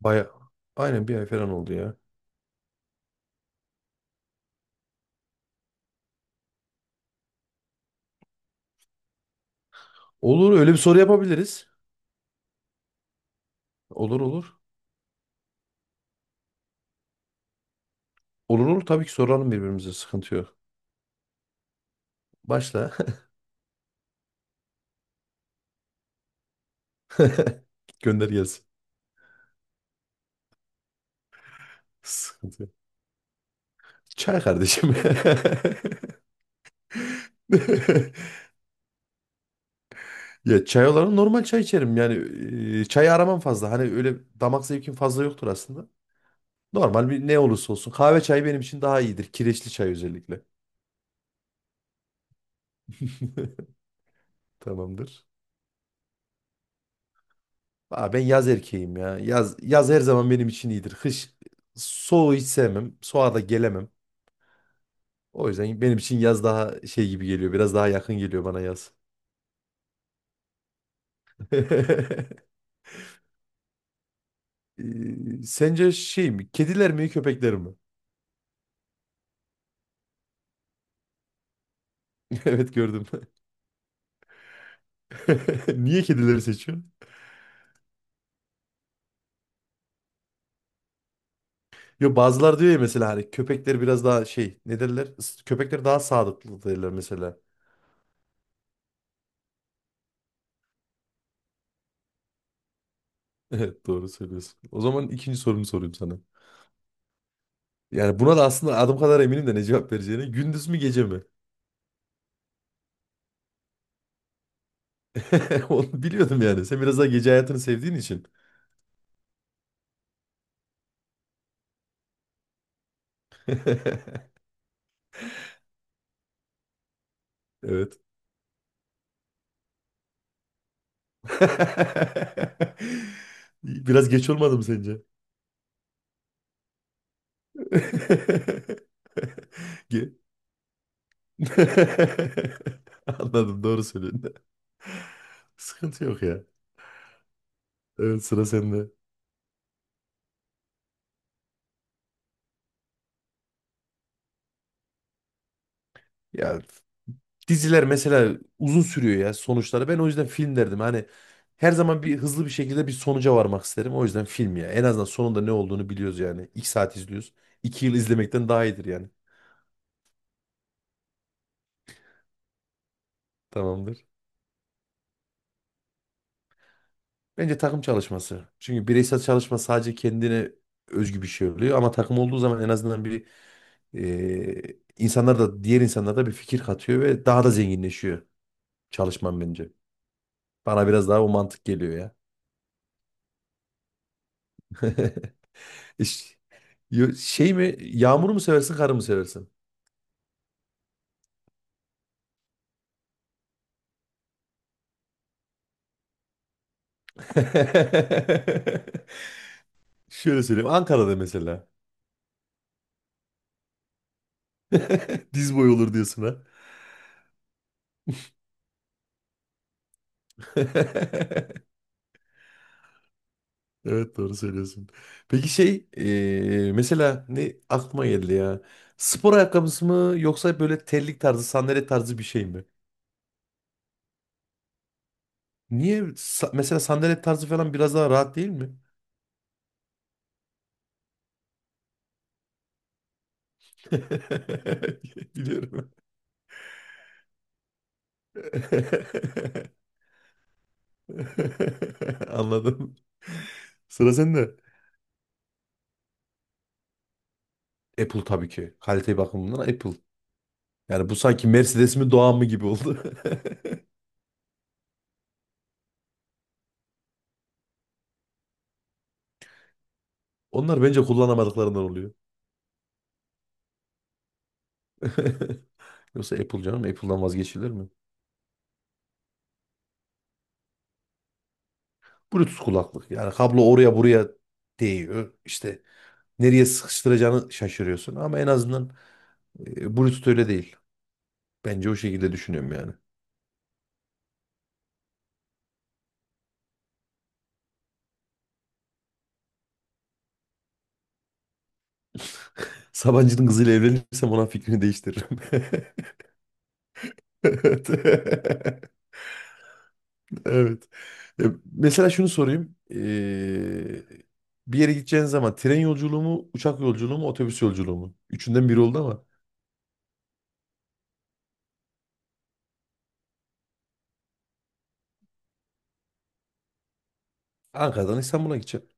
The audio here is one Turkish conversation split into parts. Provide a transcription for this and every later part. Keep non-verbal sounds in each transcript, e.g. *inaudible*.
Baya aynen bir ay falan oldu ya. Olur, öyle bir soru yapabiliriz. Olur olur. Olur olur, tabii ki soralım birbirimize, sıkıntı yok. Başla. *laughs* Gönder gelsin. Sıkıntı yok. Çay kardeşim. *laughs* Ya çay olarak normal çay içerim yani, çayı aramam fazla, hani öyle damak zevkim fazla yoktur aslında. Normal, bir ne olursa olsun kahve çayı benim için daha iyidir, kireçli çay özellikle. *laughs* Tamamdır. Aa, ben yaz erkeğim ya. Yaz, yaz her zaman benim için iyidir. Kış soğuğu hiç sevmem. Soğuğa da gelemem. O yüzden benim için yaz daha şey gibi geliyor. Biraz daha yakın geliyor bana yaz. *laughs* Sence şey mi? Kediler mi köpekler mi? *laughs* Evet, gördüm. *laughs* Niye kedileri seçiyorsun? Yo, bazılar diyor ya mesela, hani köpekler biraz daha şey, ne derler? Köpekler daha sadıklı derler mesela. *laughs* Evet, doğru söylüyorsun. O zaman ikinci sorumu sorayım sana. Yani buna da aslında adım kadar eminim de ne cevap vereceğine. Gündüz mü gece mi? *laughs* Onu biliyordum yani. Sen biraz daha gece hayatını sevdiğin için. *laughs* Evet. *laughs* Biraz geç olmadı mı sence? *laughs* Ge- *laughs* Anladım, doğru söylüyorsun. Sıkıntı yok ya. Evet, sıra sende. Ya diziler mesela uzun sürüyor ya sonuçları. Ben o yüzden film derdim. Hani her zaman bir hızlı bir şekilde bir sonuca varmak isterim. O yüzden film ya. En azından sonunda ne olduğunu biliyoruz yani. İki saat izliyoruz. İki yıl izlemekten daha iyidir yani. Tamamdır. Bence takım çalışması. Çünkü bireysel çalışma sadece kendine özgü bir şey oluyor, ama takım olduğu zaman en azından bir, e, insanlar da, diğer insanlar da bir fikir katıyor ve daha da zenginleşiyor çalışman bence. Bana biraz daha o mantık geliyor ya. *laughs* İş- Şey mi yağmuru mu seversin, karı mı seversin? *laughs* Şöyle söyleyeyim, Ankara'da mesela. *laughs* Diz boyu olur diyorsun ha. *laughs* Evet, doğru söylüyorsun. Peki şey mesela ne aklıma geldi ya. Spor ayakkabısı mı yoksa böyle terlik tarzı, sandalet tarzı bir şey mi? Niye mesela sandalet tarzı falan biraz daha rahat değil mi? *laughs* Biliyorum. *laughs* Anladım. Sıra sende. Apple tabii ki. Kalite bakımından Apple. Yani bu sanki Mercedes mi Doğan mı gibi oldu. *laughs* Onlar bence kullanamadıklarından oluyor. *laughs* Yoksa Apple, canım Apple'dan vazgeçilir mi? Bluetooth kulaklık. Yani kablo oraya buraya değiyor. İşte nereye sıkıştıracağını şaşırıyorsun. Ama en azından Bluetooth öyle değil. Bence o şekilde düşünüyorum yani. Sabancı'nın kızıyla evlenirsem ona fikrini değiştiririm. *laughs* Evet. *laughs* Evet. E, Mesela şunu sorayım. Bir yere gideceğiniz zaman tren yolculuğu mu, uçak yolculuğu mu, otobüs yolculuğu mu? Üçünden biri oldu ama. Ankara'dan İstanbul'a gideceğim.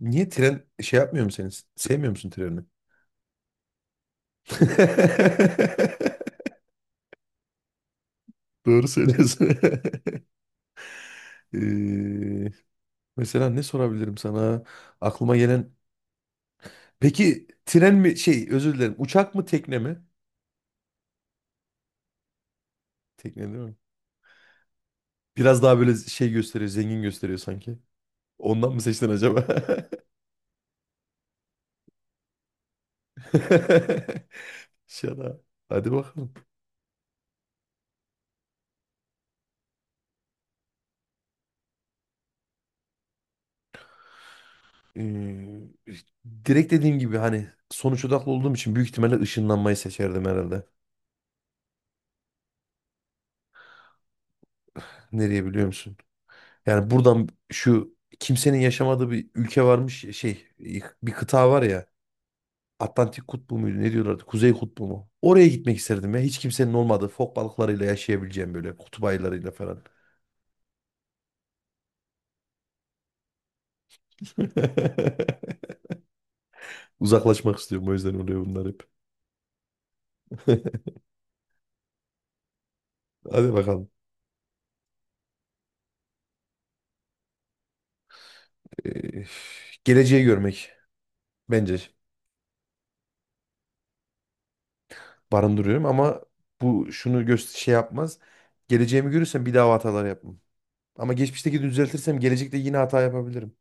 Niye tren şey yapmıyor musun seni? Sevmiyor musun treni? *laughs* Doğru söylüyorsun. *laughs* Ee, mesela ne sorabilirim sana? Aklıma gelen... Peki tren mi şey, özür dilerim, uçak mı tekne mi? Tekne değil mi? Biraz daha böyle şey gösteriyor, zengin gösteriyor sanki. Ondan mı seçtin acaba? *laughs* Şaka. Hadi bakalım. Ee, direkt dediğim gibi hani sonuç odaklı olduğum için büyük ihtimalle ışınlanmayı seçerdim herhalde. Nereye biliyor musun? Yani buradan şu kimsenin yaşamadığı bir ülke varmış ya, şey, bir kıta var ya, Atlantik kutbu muydu ne diyorlardı, Kuzey kutbu mu? Oraya gitmek isterdim ya, hiç kimsenin olmadığı, fok balıklarıyla yaşayabileceğim, böyle kutup ayılarıyla falan. *laughs* Uzaklaşmak istiyorum, o yüzden oluyor bunlar hep. *laughs* Hadi bakalım. Ee, geleceği görmek. Bence barındırıyorum, ama bu şunu göster şey yapmaz. Geleceğimi görürsem bir daha hatalar yapmam. Ama geçmişteki düzeltirsem gelecekte yine hata yapabilirim.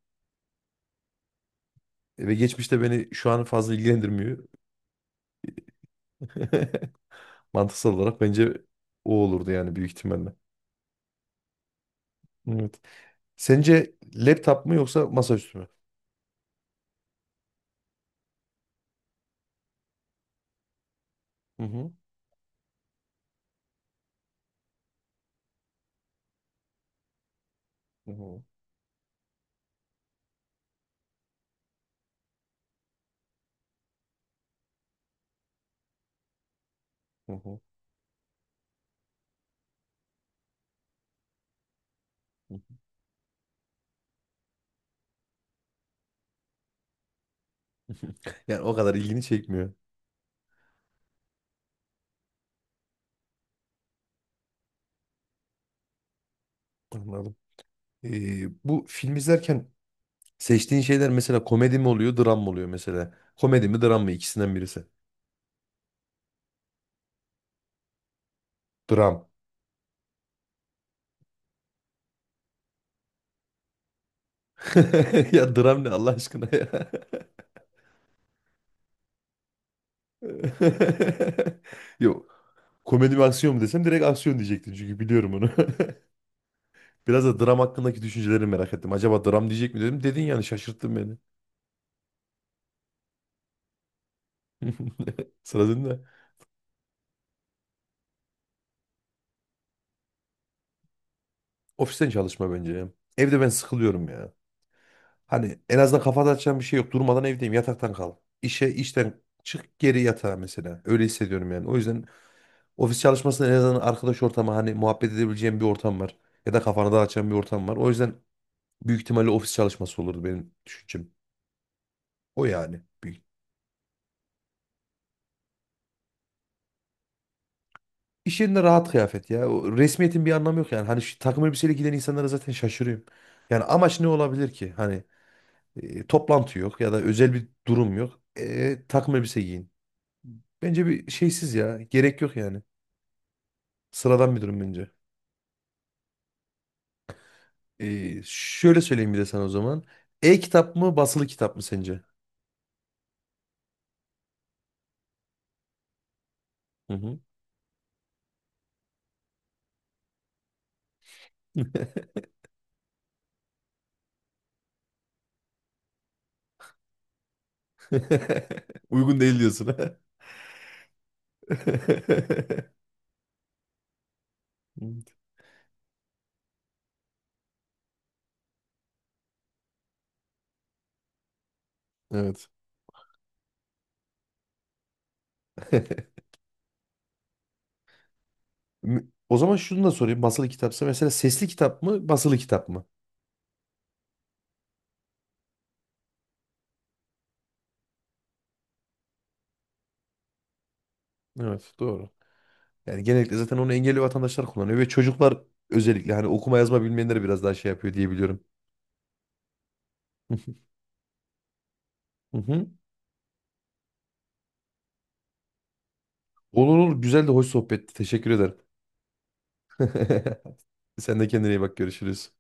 Ve geçmişte beni şu an fazla ilgilendirmiyor. *laughs* Mantıksal olarak bence o olurdu yani, büyük ihtimalle. Evet. Sence laptop mu yoksa masaüstü mü? Hı hı. Hı hı. Hı hı. *laughs* Yani o kadar ilgini çekmiyor. Anladım. Bu film izlerken seçtiğin şeyler mesela komedi mi oluyor, dram mı oluyor mesela? Komedi mi, dram mı? İkisinden birisi. Dram. *laughs* Ya dram ne, Allah aşkına ya. *laughs* Yok. Komedi mi aksiyon mu desem direkt aksiyon diyecektin, çünkü biliyorum onu. *laughs* Biraz da dram hakkındaki düşünceleri merak ettim. Acaba dram diyecek mi dedim. Dedin yani, şaşırttın beni. *laughs* Sıra sende. Ofisten çalışma bence ya. Evde ben sıkılıyorum ya. Hani en azından kafa dağıtacağım bir şey yok. Durmadan evdeyim. Yataktan kal. İşe, işten çık, geri yatağa mesela. Öyle hissediyorum yani. O yüzden ofis çalışmasında en azından arkadaş ortamı, hani muhabbet edebileceğim bir ortam var. Ya da kafanı dağıtacağım bir ortam var. O yüzden büyük ihtimalle ofis çalışması olurdu benim düşüncem. O yani. Büyük. İş yerinde rahat kıyafet ya. O resmiyetin bir anlamı yok yani. Hani şu takım elbiseyle giden insanlara zaten şaşırıyorum. Yani amaç ne olabilir ki? Hani toplantı yok ya da özel bir durum yok. E, takım elbise giyin. Bence bir şeysiz ya. Gerek yok yani. Sıradan bir durum bence. Şöyle söyleyeyim bir de sana o zaman. E-kitap mı basılı kitap mı sence? Hı hı. *laughs* Uygun değil diyorsun. *laughs* Ha? Evet. *laughs* O zaman şunu da sorayım. Basılı kitapsa mesela, sesli kitap mı, basılı kitap mı? Evet, doğru. Yani genellikle zaten onu engelli vatandaşlar kullanıyor ve çocuklar, özellikle hani okuma yazma bilmeyenleri biraz daha şey yapıyor diye biliyorum. *laughs* Hı hı. Olur olur. Güzel de hoş sohbetti. Teşekkür ederim. *laughs* Sen de kendine iyi bak. Görüşürüz.